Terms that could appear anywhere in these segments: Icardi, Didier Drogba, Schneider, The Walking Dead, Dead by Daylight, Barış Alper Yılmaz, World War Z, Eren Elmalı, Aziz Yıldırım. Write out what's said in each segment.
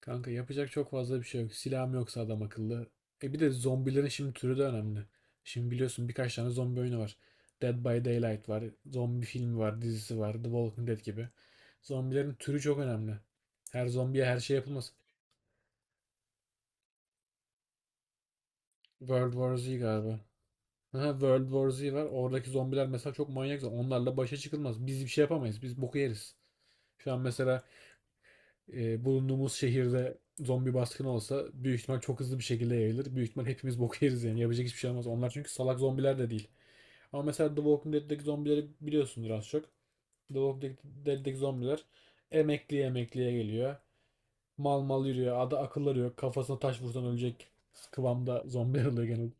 Kanka yapacak çok fazla bir şey yok. Silahım yoksa adam akıllı. E bir de zombilerin şimdi türü de önemli. Şimdi biliyorsun birkaç tane zombi oyunu var. Dead by Daylight var. Zombi filmi var, dizisi var. The Walking Dead gibi. Zombilerin türü çok önemli. Her zombiye her şey yapılmaz. World War Z galiba. Aha, World War Z var. Oradaki zombiler mesela çok manyak. Onlarla başa çıkılmaz. Biz bir şey yapamayız. Biz boku yeriz. Şu an mesela bulunduğumuz şehirde zombi baskını olsa büyük ihtimal çok hızlı bir şekilde yayılır. Büyük ihtimal hepimiz boku yeriz yani. Yapacak hiçbir şey olmaz. Onlar çünkü salak zombiler de değil. Ama mesela The Walking Dead'deki zombileri biliyorsundur az çok. The Walking Dead'deki zombiler emekliye emekliye geliyor. Mal mal yürüyor. Adı akılları yok. Kafasına taş vursan ölecek kıvamda zombiler oluyor genelde.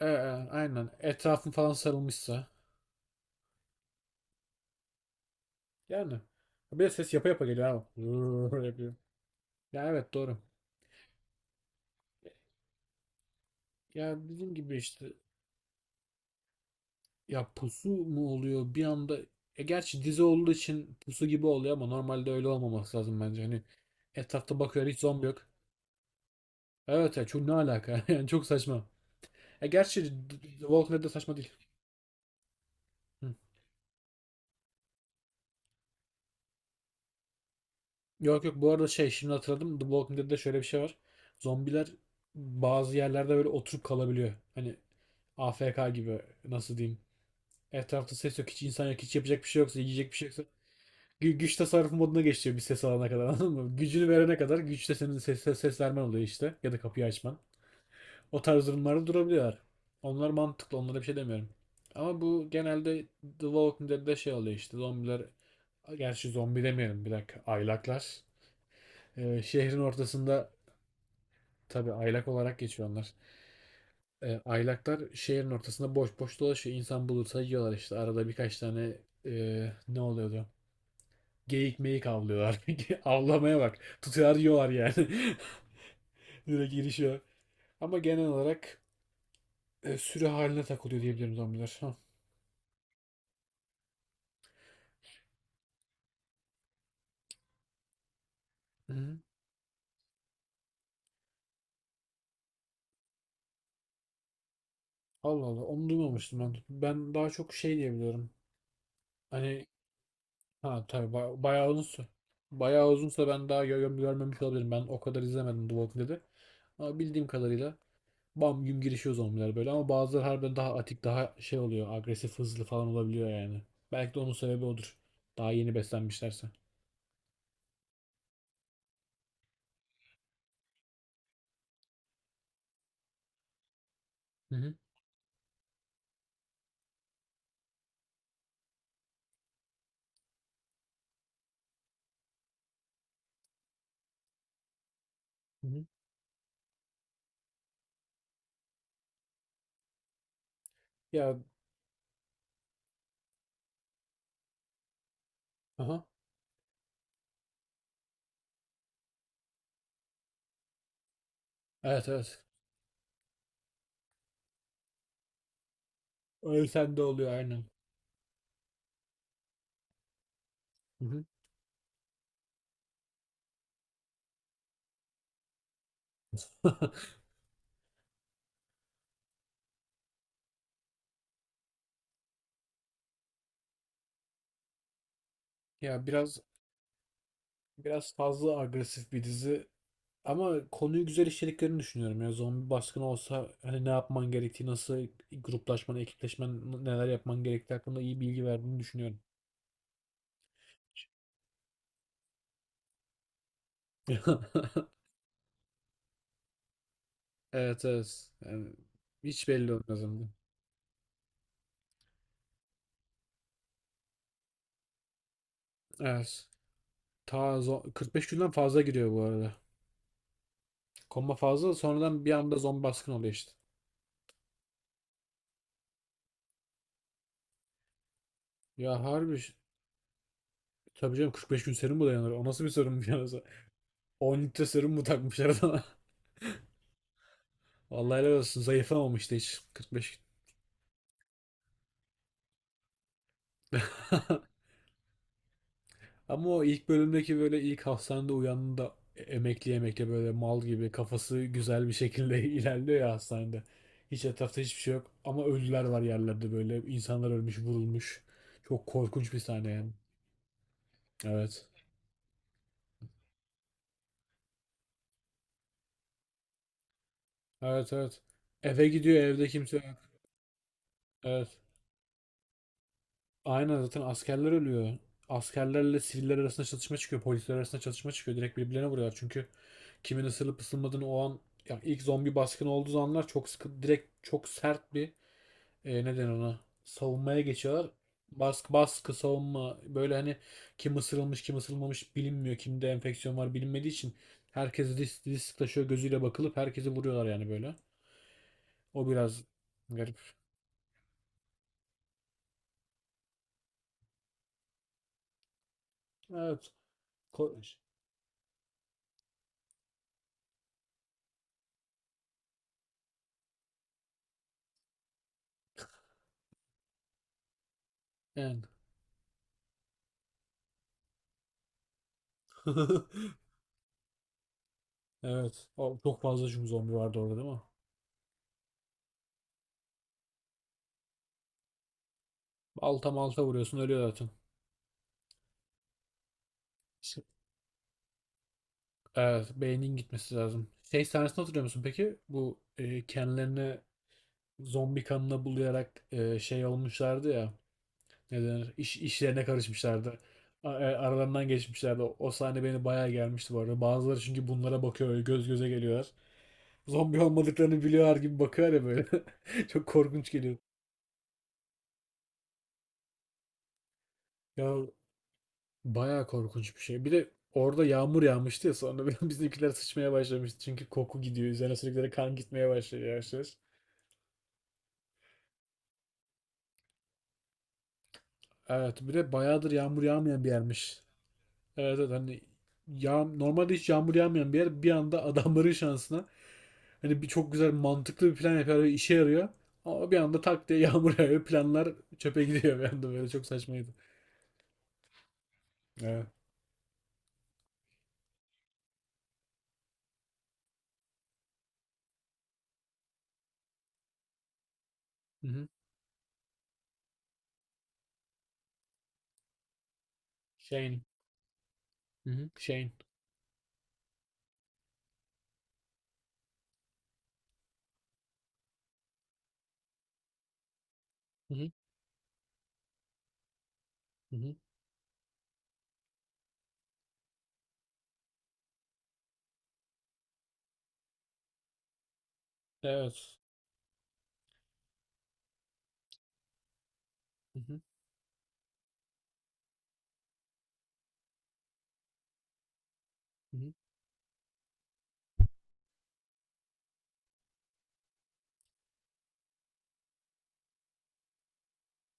Aynen. Etrafın falan sarılmışsa. Yani. Bir de ses yapa yapa geliyor abi. Yapıyor. Ya evet doğru. Ya dediğim gibi işte, ya pusu mu oluyor bir anda? E gerçi dizi olduğu için pusu gibi oluyor ama normalde öyle olmaması lazım bence. Hani etrafta bakıyor hiç zombi yok. Evet ya, çok ne alaka? Yani çok saçma. E gerçi The Walking Dead de saçma değil. Hı. Yok yok, bu arada şey şimdi hatırladım. The Walking Dead'de şöyle bir şey var. Zombiler bazı yerlerde böyle oturup kalabiliyor. Hani AFK gibi, nasıl diyeyim. Etrafta ses yok, hiç insan yok, hiç yapacak bir şey yoksa, yiyecek bir şey yoksa güç tasarrufu moduna geçiyor bir ses alana kadar, anladın mı? Gücünü verene kadar, güçte senin ses vermen oluyor işte. Ya da kapıyı açman. O tarz durumlarda durabiliyorlar. Onlar mantıklı. Onlara bir şey demiyorum. Ama bu genelde The Walking Dead'de şey oluyor işte. Zombiler, gerçi zombi demeyelim bir dakika. Aylaklar. Şehrin ortasında, tabii aylak olarak geçiyor onlar. Aylaklar şehrin ortasında boş boş dolaşıyor. İnsan bulursa yiyorlar işte. Arada birkaç tane ne oluyordu? Geyik meyik avlıyorlar. Avlamaya bak. Tutuyorlar yiyorlar yani. Direkt girişiyor. Ama genel olarak sürü haline takılıyor diyebilirim zombiler. Ha. Hı hı. Allah Allah, onu duymamıştım ben. Ben daha çok şey diyebiliyorum. Hani ha tabii bayağı uzunsa. Bayağı uzunsa ben daha görmemiş olabilirim. Ben o kadar izlemedim The Walking Dead'i. Ama bildiğim kadarıyla bam güm girişiyor zombiler böyle, ama bazıları harbiden daha atik daha şey oluyor, agresif hızlı falan olabiliyor yani. Belki de onun sebebi odur. Daha yeni beslenmişlerse. Hı hı. Hı hı. Ya aha. Evet evet. Öyle de oluyor, aynen. Hı hı. Ya biraz, biraz fazla agresif bir dizi ama konuyu güzel işlediklerini düşünüyorum. Ya zombi baskını olsa, hani ne yapman gerektiği, nasıl gruplaşman, ekipleşmen, neler yapman gerektiği hakkında iyi bilgi verdiğini düşünüyorum. Evet evet. Yani hiç belli olmaz hem de. Evet. Ta 45 günden fazla gidiyor bu arada. Komba fazla sonradan bir anda zombi baskını oluyor işte. Ya harbi, tabii canım 45 gün serum mu dayanır? O nasıl bir serum ya? 10 litre serum mu takmışlar adama? Vallahi helal olsun. Zayıflamamıştı hiç 45 gün. Ama o ilk bölümdeki böyle ilk hastanede uyandığında emekli emekli böyle mal gibi kafası güzel bir şekilde ilerliyor ya hastanede. Hiç etrafta hiçbir şey yok ama ölüler var yerlerde böyle. İnsanlar ölmüş, vurulmuş. Çok korkunç bir sahne yani. Evet. Evet evet. Eve gidiyor, evde kimse yok. Evet. Aynen, zaten askerler ölüyor. Askerlerle siviller arasında çatışma çıkıyor. Polisler arasında çatışma çıkıyor. Direkt birbirlerine vuruyorlar. Çünkü kimin ısırılıp ısırmadığını o an, yani ilk zombi baskını olduğu anlar çok sıkı, direkt çok sert bir neden ona savunmaya geçiyorlar. Baskı baskı savunma böyle, hani kim ısırılmış kim ısırılmamış bilinmiyor. Kimde enfeksiyon var bilinmediği için herkes risk taşıyor gözüyle bakılıp herkesi vuruyorlar yani böyle. O biraz garip. Evet. Ko- Yani. Evet. O, çok fazla çünkü zombi vardı orada değil mi? Alta malta vuruyorsun ölüyor zaten. Ş- Evet. Beynin gitmesi lazım. Şey sahnesini hatırlıyor musun peki? Bu kendilerini zombi kanına bulayarak şey olmuşlardı ya. Ne denir? İşlerine karışmışlardı. Aralarından geçmişlerdi. O, o sahne beni bayağı gelmişti bu arada. Bazıları çünkü bunlara bakıyor, öyle göz göze geliyorlar. Zombi olmadıklarını biliyorlar gibi bakıyorlar ya böyle. Çok korkunç geliyor. Ya, bayağı korkunç bir şey. Bir de orada yağmur yağmıştı ya sonra bizimkiler sıçmaya başlamıştı. Çünkü koku gidiyor. Üzerine sürekli de kan gitmeye başlıyor yavaş yavaş. Evet, bir de bayağıdır yağmur yağmayan bir yermiş. Evet evet, hani normalde hiç yağmur yağmayan bir yer bir anda adamların şansına, hani bir çok güzel mantıklı bir plan yapıyor ve işe yarıyor. Ama bir anda tak diye yağmur yağıyor. Planlar çöpe gidiyor bir anda, böyle çok saçmaydı. Evet. Hı hı. Shane. Hı hı. Shane. Hı hı. Hı hı. Evet. Hı hı. Hı hı.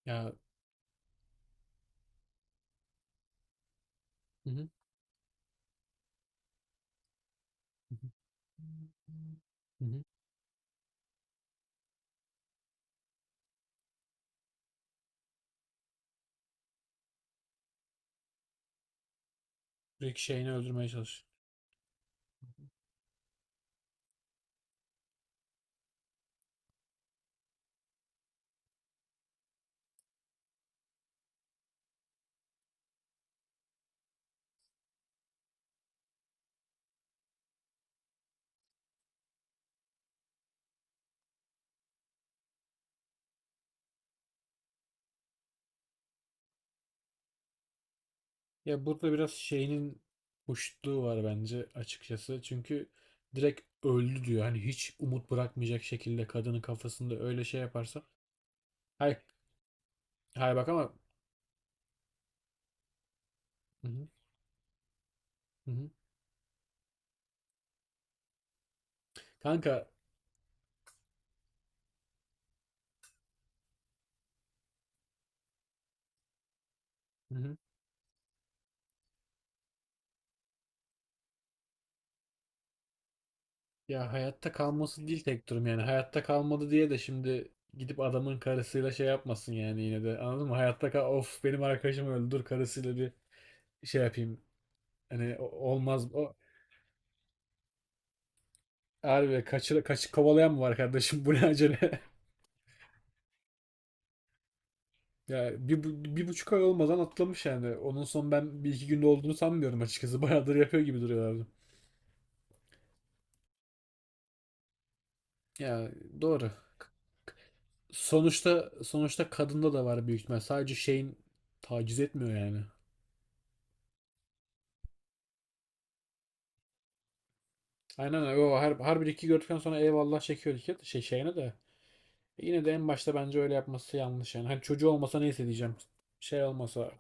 Ya. Hı hı. Hı hı. Sürekli şeyini öldürmeye çalış. Ya burada biraz şeyinin hoşluğu var bence açıkçası. Çünkü direkt öldü diyor. Hani hiç umut bırakmayacak şekilde kadının kafasında öyle şey yaparsa. Hay, hay bak ama hı hı, hı hı. Kanka hı hı. Ya hayatta kalması değil tek durum yani. Hayatta kalmadı diye de şimdi gidip adamın karısıyla şey yapmasın yani yine de. Anladın mı? Hayatta kal of, benim arkadaşım öldü, dur karısıyla bir şey yapayım. Hani olmaz o. Harbi kaçı kovalayan mı var kardeşim, bu ne acele? Ya bir, bir buçuk ay olmadan atlamış yani. Onun son ben bir iki günde olduğunu sanmıyorum açıkçası. Bayağıdır yapıyor gibi duruyorlardı. Ya doğru. Sonuçta, sonuçta kadında da var büyük ihtimal. Sadece şeyin taciz etmiyor yani. Aynen öyle. O her bir iki gördükten sonra eyvallah çekiyor iki şey şeyine de. E yine de en başta bence öyle yapması yanlış yani. Hani çocuğu olmasa neyse diyeceğim. Şey olmasa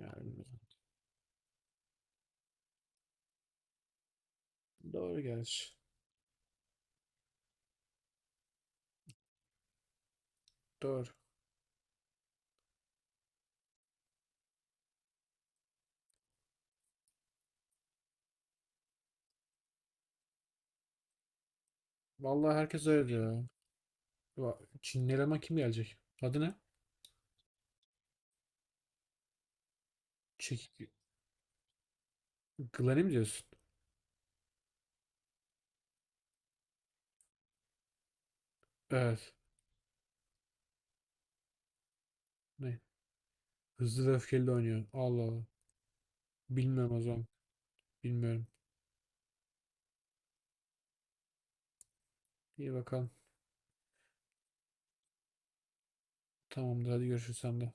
yani, doğru gerçi. Doğru. Vallahi herkes öyle diyor. Ya, Çinli eleman kim gelecek? Adı ne? Çek, Glen'i mi diyorsun? Evet. Ne? Hızlı ve öfkeli de oynuyor. Allah Allah. Bilmiyorum o zaman. Bilmiyorum. İyi bakalım. Tamamdır, hadi görüşürüz sen de.